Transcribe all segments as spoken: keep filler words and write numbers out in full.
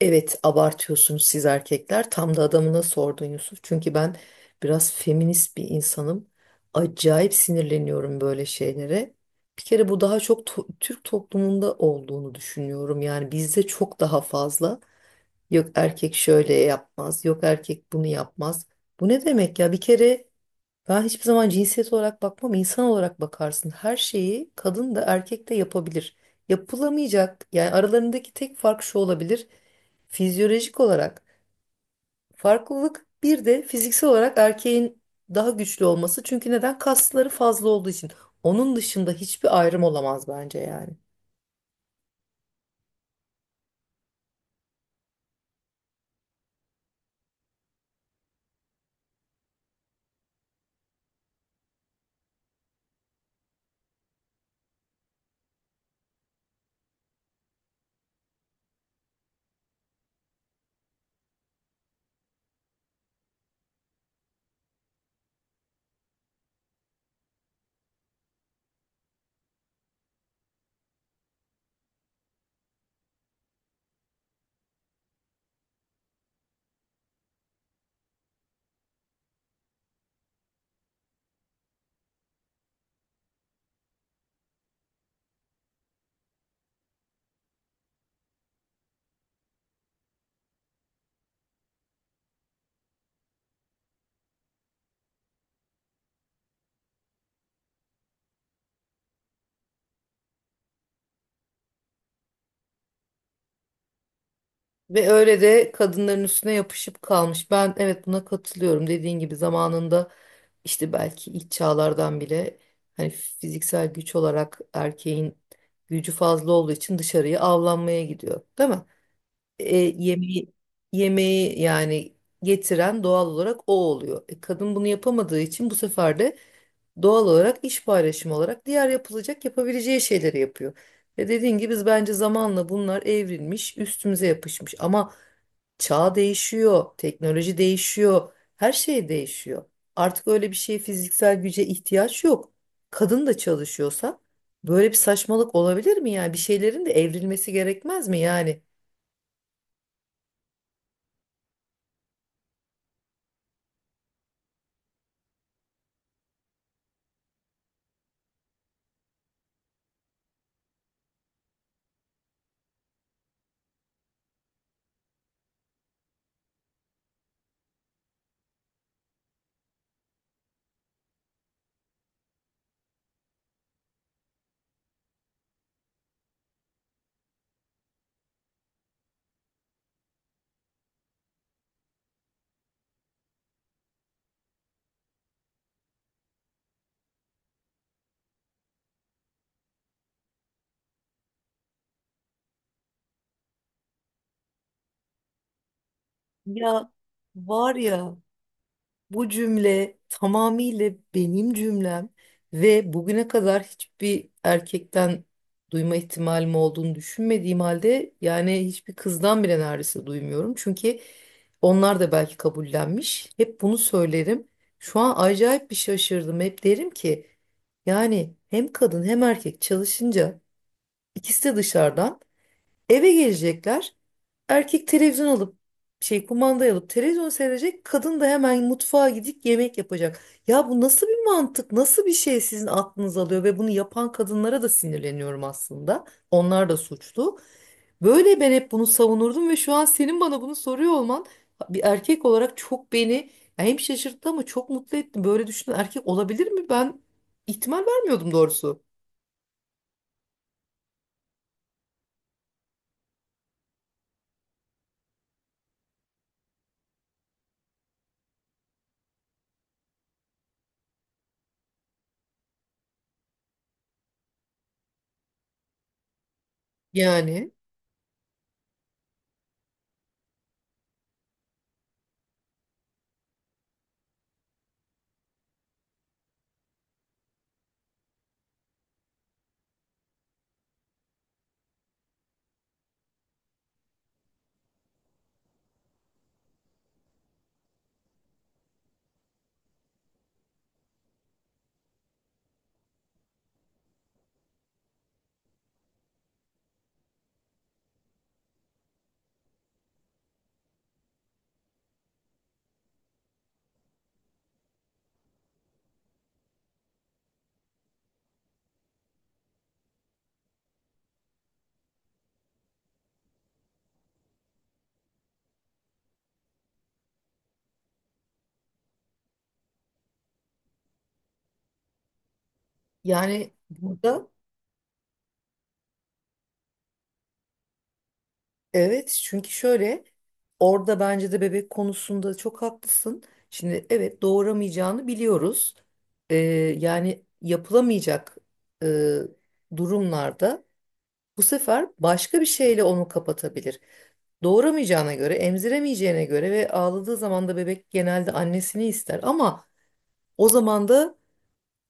Evet abartıyorsunuz siz erkekler. Tam da adamına sordun Yusuf. Çünkü ben biraz feminist bir insanım. Acayip sinirleniyorum böyle şeylere. Bir kere bu daha çok to- Türk toplumunda olduğunu düşünüyorum. Yani bizde çok daha fazla. Yok erkek şöyle yapmaz, yok erkek bunu yapmaz. Bu ne demek ya? Bir kere ben hiçbir zaman cinsiyet olarak bakmam, insan olarak bakarsın. Her şeyi kadın da erkek de yapabilir. Yapılamayacak, yani aralarındaki tek fark şu olabilir. Fizyolojik olarak farklılık bir de fiziksel olarak erkeğin daha güçlü olması. Çünkü neden? Kasları fazla olduğu için. Onun dışında hiçbir ayrım olamaz bence yani. Ve öyle de kadınların üstüne yapışıp kalmış. Ben evet buna katılıyorum. Dediğin gibi zamanında işte belki ilk çağlardan bile hani fiziksel güç olarak erkeğin gücü fazla olduğu için dışarıya avlanmaya gidiyor, değil mi? E, yemeği, yemeği yani getiren doğal olarak o oluyor. E, kadın bunu yapamadığı için bu sefer de doğal olarak iş paylaşımı olarak diğer yapılacak yapabileceği şeyleri yapıyor. Ve dediğin gibi biz bence zamanla bunlar evrilmiş, üstümüze yapışmış. Ama çağ değişiyor, teknoloji değişiyor, her şey değişiyor. Artık öyle bir şeye fiziksel güce ihtiyaç yok. Kadın da çalışıyorsa böyle bir saçmalık olabilir mi yani? Bir şeylerin de evrilmesi gerekmez mi yani? Ya var ya bu cümle tamamıyla benim cümlem ve bugüne kadar hiçbir erkekten duyma ihtimalim olduğunu düşünmediğim halde yani hiçbir kızdan bile neredeyse duymuyorum. Çünkü onlar da belki kabullenmiş. Hep bunu söylerim. Şu an acayip bir şaşırdım. Hep derim ki yani hem kadın hem erkek çalışınca ikisi de dışarıdan eve gelecekler. Erkek televizyon alıp şey kumandayı alıp televizyon seyredecek. Kadın da hemen mutfağa gidip yemek yapacak. Ya bu nasıl bir mantık? Nasıl bir şey sizin aklınız alıyor ve bunu yapan kadınlara da sinirleniyorum aslında. Onlar da suçlu. Böyle ben hep bunu savunurdum ve şu an senin bana bunu soruyor olman bir erkek olarak çok beni ya hem şaşırttı ama çok mutlu etti. Böyle düşünen erkek olabilir mi? Ben ihtimal vermiyordum doğrusu. Yani yani burada Evet çünkü şöyle orada bence de bebek konusunda çok haklısın. Şimdi evet doğuramayacağını biliyoruz. Ee, Yani yapılamayacak e, durumlarda bu sefer başka bir şeyle onu kapatabilir. Doğuramayacağına göre, emziremeyeceğine göre ve ağladığı zaman da bebek genelde annesini ister ama o zaman da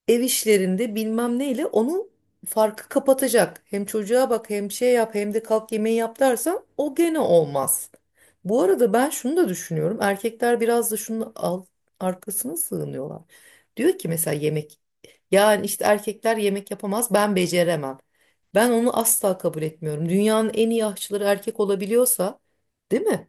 ev işlerinde bilmem neyle onu farkı kapatacak. Hem çocuğa bak hem şey yap hem de kalk yemeği yap dersen o gene olmaz. Bu arada ben şunu da düşünüyorum. Erkekler biraz da şunun al, arkasına sığınıyorlar. Diyor ki mesela yemek. Yani işte erkekler yemek yapamaz ben beceremem. Ben onu asla kabul etmiyorum. Dünyanın en iyi aşçıları erkek olabiliyorsa, değil mi?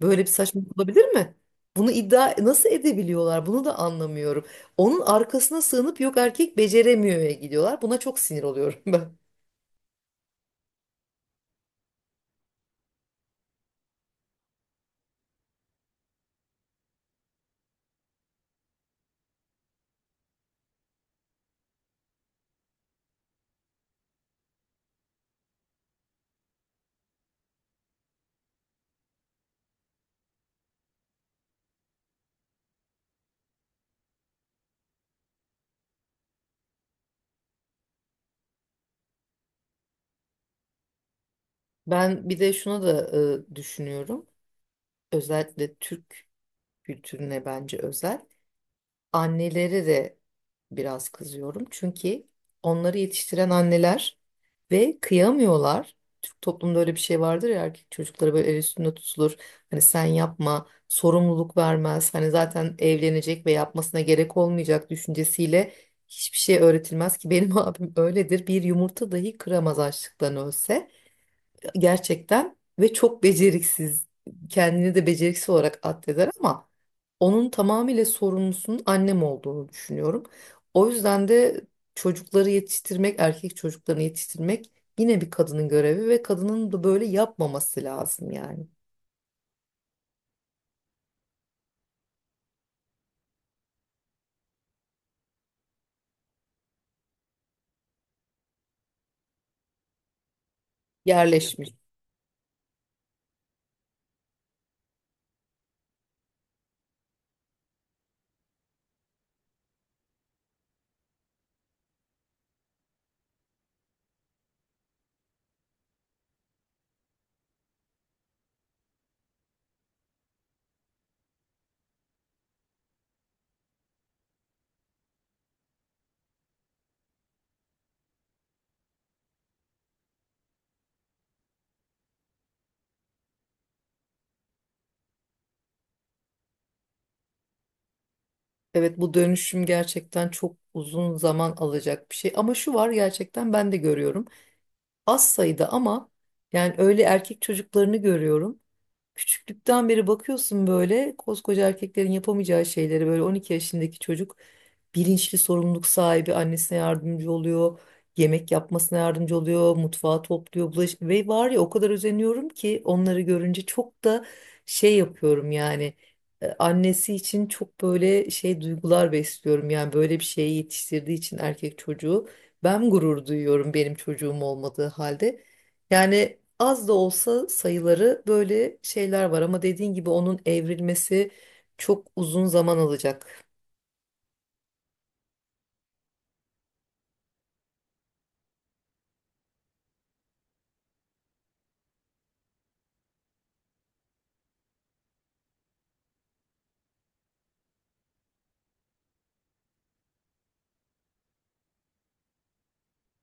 Böyle bir saçmalık olabilir mi? Bunu iddia nasıl edebiliyorlar? Bunu da anlamıyorum. Onun arkasına sığınıp yok erkek beceremiyor'ya gidiyorlar. Buna çok sinir oluyorum ben. Ben bir de şuna da e, düşünüyorum. Özellikle Türk kültürüne bence özel. Anneleri de biraz kızıyorum. Çünkü onları yetiştiren anneler ve kıyamıyorlar. Türk toplumunda öyle bir şey vardır ya erkek çocukları böyle el üstünde tutulur. Hani sen yapma, sorumluluk vermez. Hani zaten evlenecek ve yapmasına gerek olmayacak düşüncesiyle hiçbir şey öğretilmez ki benim abim öyledir. Bir yumurta dahi kıramaz açlıktan ölse gerçekten ve çok beceriksiz. Kendini de beceriksiz olarak addeder ama onun tamamıyla sorumlusunun annem olduğunu düşünüyorum. O yüzden de çocukları yetiştirmek, erkek çocuklarını yetiştirmek yine bir kadının görevi ve kadının da böyle yapmaması lazım yani. Yerleşmiş. Evet bu dönüşüm gerçekten çok uzun zaman alacak bir şey ama şu var gerçekten ben de görüyorum. Az sayıda ama yani öyle erkek çocuklarını görüyorum. Küçüklükten beri bakıyorsun böyle koskoca erkeklerin yapamayacağı şeyleri böyle on iki yaşındaki çocuk bilinçli sorumluluk sahibi annesine yardımcı oluyor. Yemek yapmasına yardımcı oluyor, mutfağı topluyor, bulaş ve var ya o kadar özeniyorum ki onları görünce çok da şey yapıyorum yani e, annesi için çok böyle şey duygular besliyorum yani böyle bir şeyi yetiştirdiği için erkek çocuğu ben gurur duyuyorum benim çocuğum olmadığı halde. Yani az da olsa sayıları böyle şeyler var ama dediğin gibi onun evrilmesi çok uzun zaman alacak.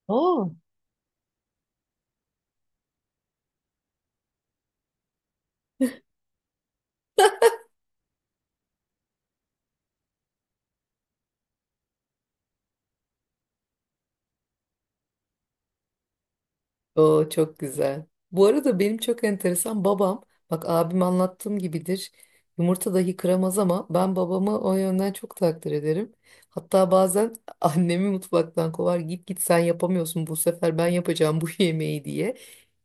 Oo. Oo çok güzel. Bu arada benim çok enteresan babam, bak abim anlattığım gibidir. Yumurta dahi kıramaz ama ben babamı o yönden çok takdir ederim. Hatta bazen annemi mutfaktan kovar git git sen yapamıyorsun bu sefer ben yapacağım bu yemeği diye.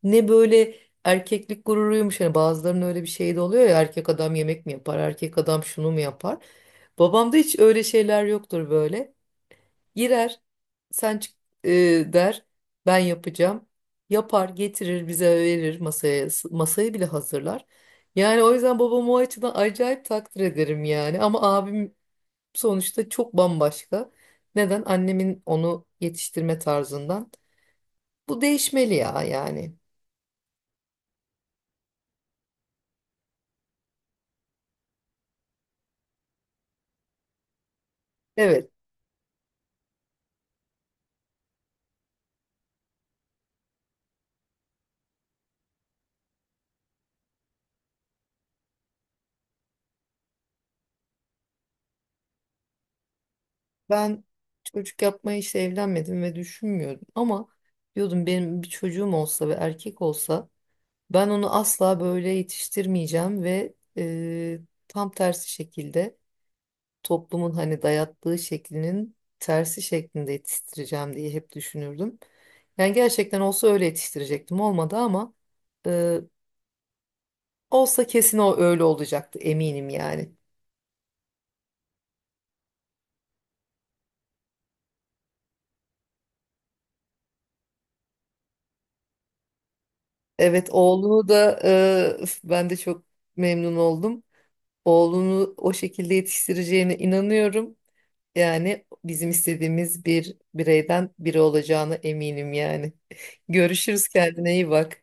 Ne böyle erkeklik gururuymuş hani bazılarının öyle bir şeyi de oluyor ya erkek adam yemek mi yapar erkek adam şunu mu yapar. Babamda hiç öyle şeyler yoktur böyle. Girer, sen çık e, der, ben yapacağım. Yapar, getirir, bize verir masaya. S- Masayı bile hazırlar. Yani o yüzden babamı o açıdan acayip takdir ederim yani. Ama abim sonuçta çok bambaşka. Neden? Annemin onu yetiştirme tarzından. Bu değişmeli ya yani. Evet, ben çocuk yapmaya işte evlenmedim ve düşünmüyordum. Ama diyordum benim bir çocuğum olsa ve erkek olsa ben onu asla böyle yetiştirmeyeceğim ve e, tam tersi şekilde toplumun hani dayattığı şeklinin tersi şeklinde yetiştireceğim diye hep düşünürdüm. Yani gerçekten olsa öyle yetiştirecektim olmadı ama e, olsa kesin o öyle olacaktı eminim yani. Evet oğlunu da e, üf, ben de çok memnun oldum. Oğlunu o şekilde yetiştireceğine inanıyorum. Yani bizim istediğimiz bir bireyden biri olacağına eminim yani. Görüşürüz kendine iyi bak.